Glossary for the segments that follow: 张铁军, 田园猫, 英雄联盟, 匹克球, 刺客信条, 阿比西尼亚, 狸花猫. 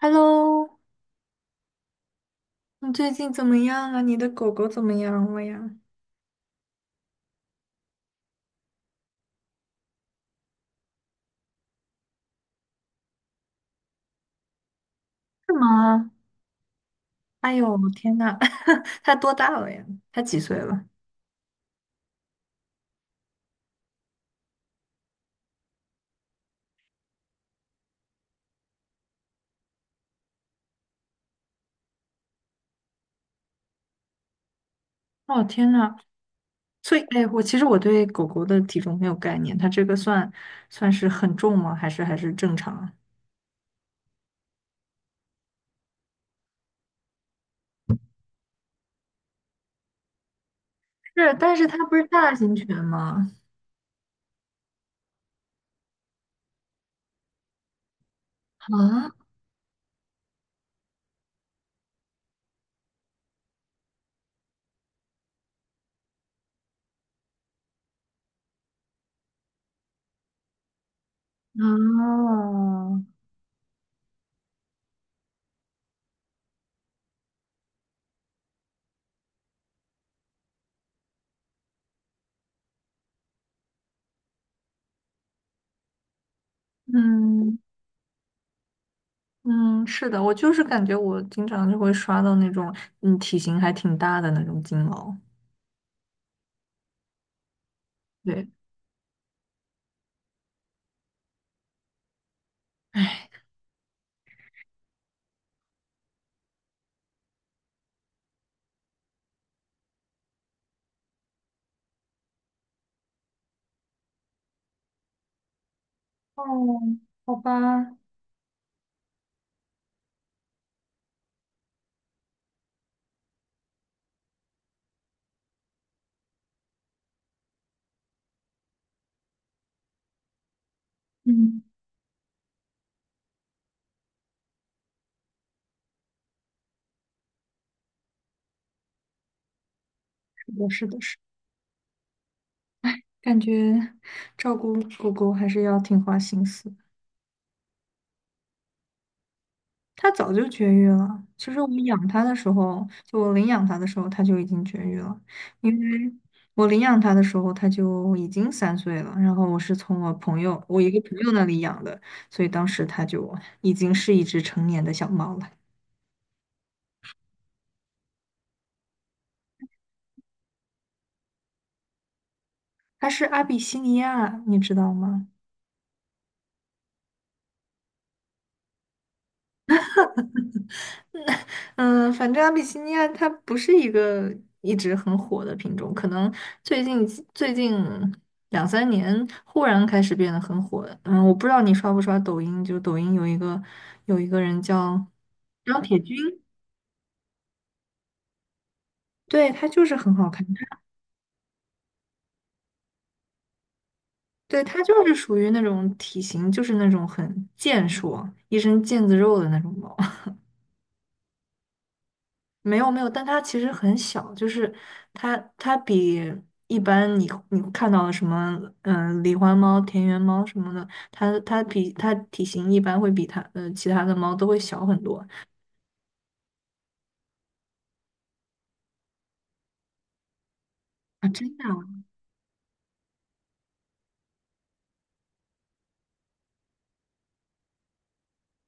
Hello，你最近怎么样啊？你的狗狗怎么样了呀？是吗？哎呦，天呐，它多大了呀？它几岁了？哦，天呐，所以，哎，我其实对狗狗的体重没有概念，它这个算是很重吗？还是正常啊？是，但是它不是大型犬吗？啊啊，嗯嗯，是的，我就是感觉我经常就会刷到那种体型还挺大的那种金毛，对。哎。哦，好吧，嗯，是的，是的，是，感觉照顾狗狗还是要挺花心思的它早就绝育了，其实我领养它的时候，它就已经绝育了，因为我领养它的时候，它就已经三岁了，然后我一个朋友那里养的，所以当时它就已经是一只成年的小猫了。它是阿比西尼亚，你知道吗？嗯，反正阿比西尼亚它不是一个一直很火的品种，可能最近两三年忽然开始变得很火。嗯，我不知道你刷不刷抖音，就抖音有一个人叫张铁军，对，他就是很好看，对，他就是属于那种体型就是那种很健硕，一身腱子肉的那种猫。没有没有，但它其实很小，就是它比一般你看到的什么狸花猫、田园猫什么的，它体型一般会比它其他的猫都会小很多啊，真的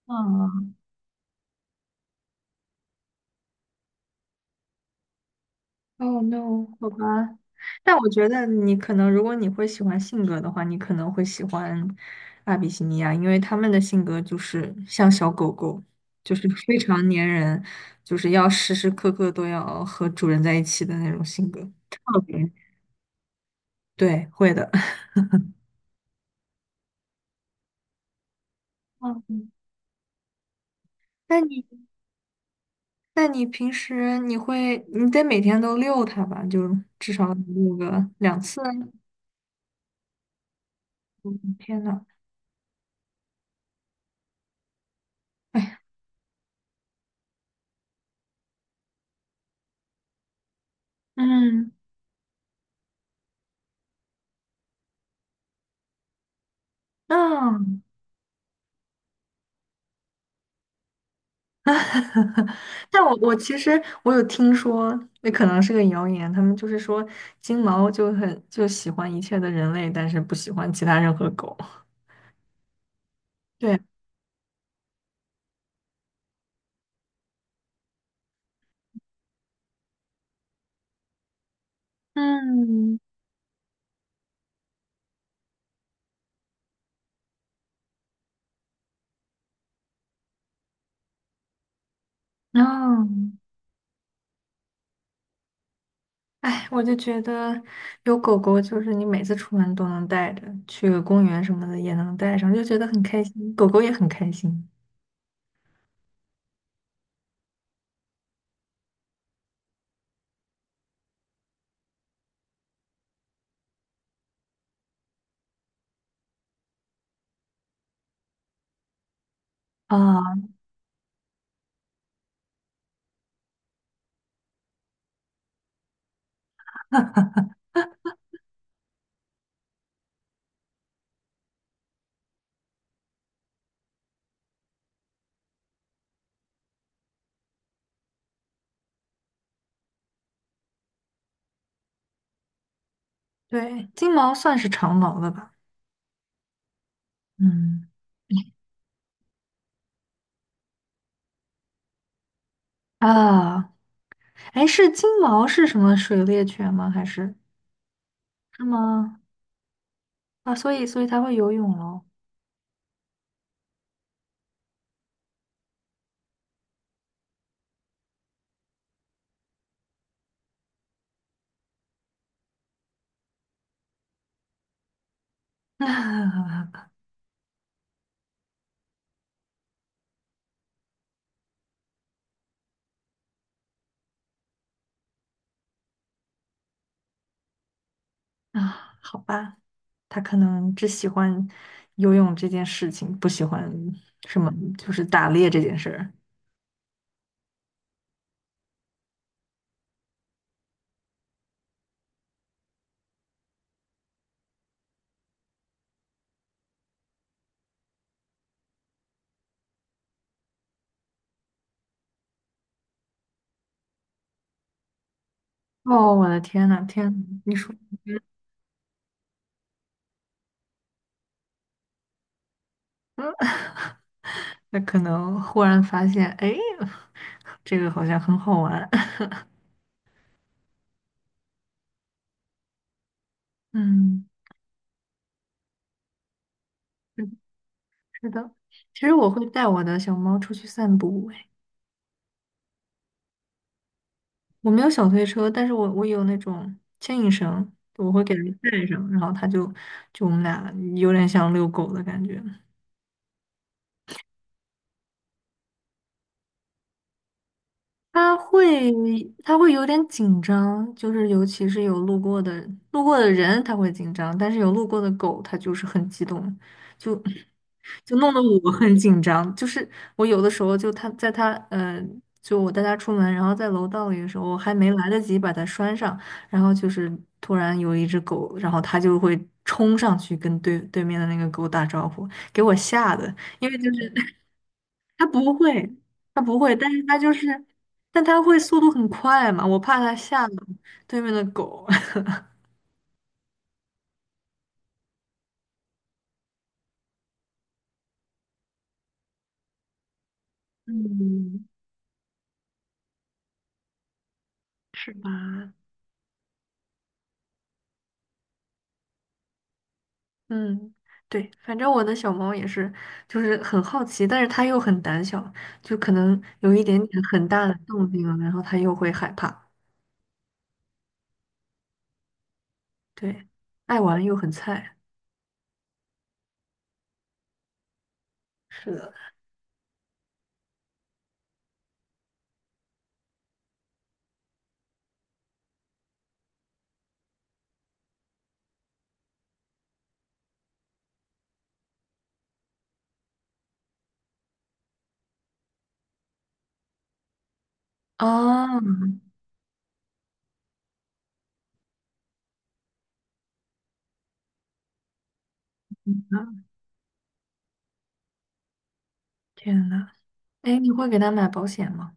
啊，哦 no,好吧。但我觉得你可能，如果你会喜欢性格的话，你可能会喜欢阿比西尼亚，因为他们的性格就是像小狗狗，就是非常粘人，就是要时时刻刻都要和主人在一起的那种性格。特别对，会的。嗯，那你，那你平时你会，你得每天都遛它吧？就至少遛个两次。嗯天呐，哎呀，嗯，那、但我其实有听说，那可能是个谣言，他们就是说金毛就很喜欢一切的人类，但是不喜欢其他任何狗。对，嗯，哦，哎，我就觉得有狗狗，就是你每次出门都能带着，去个公园什么的也能带上，就觉得很开心，狗狗也很开心啊。对，金毛算是长毛的吧？嗯啊，哎，是金毛是什么水猎犬吗？还是是吗？啊，所以所以他会游泳喽。啊，好吧，他可能只喜欢游泳这件事情，不喜欢什么就是打猎这件事儿。哦，我的天呐，天呐你说，嗯，那可能忽然发现，哎，这个好像很好玩。嗯，是是的，其实我会带我的小猫出去散步，我没有小推车，但是我有那种牵引绳，我会给它带上，然后它就就我们俩有点像遛狗的感觉。他会他会有点紧张，就是尤其是有路过的人他会紧张，但是有路过的狗它就是很激动，就就弄得我很紧张。就是我有的时候就它在它呃，就我带它出门，然后在楼道里的时候，我还没来得及把它拴上，然后就是突然有一只狗，然后它就会冲上去跟对面的那个狗打招呼，给我吓的，因为就是。它不会，它不会，但是它就是，但它会速度很快嘛，我怕它吓到对面的狗。嗯，是吧？嗯，对，反正我的小猫也是，就是很好奇，但是它又很胆小，就可能有一点点很大的动静了，然后它又会害怕。对，爱玩又很菜。是的。哦，啊天呐，哎，你会给它买保险吗？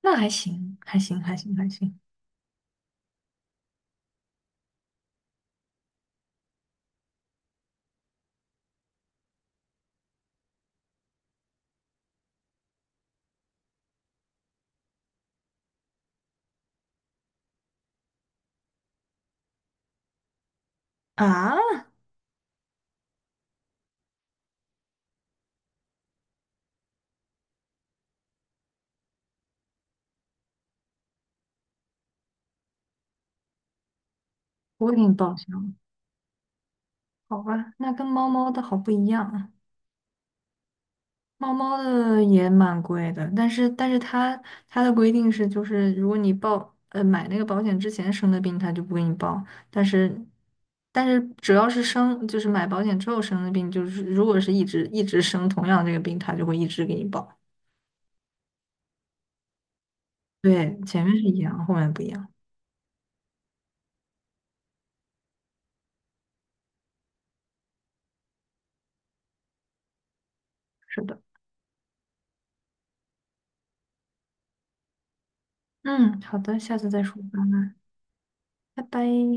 那还行，还行，还行，还行。啊，我会给你报销。好吧，那跟猫猫的好不一样啊。猫猫的也蛮贵的，但是它它的规定是，就是如果你报买那个保险之前生的病，它就不给你报。但是但是只要是生，就是买保险之后生的病，就是如果是一直生同样这个病，它就会一直给你报。对，前面是一样，后面不一样。是的，嗯，好的，下次再说吧，拜拜。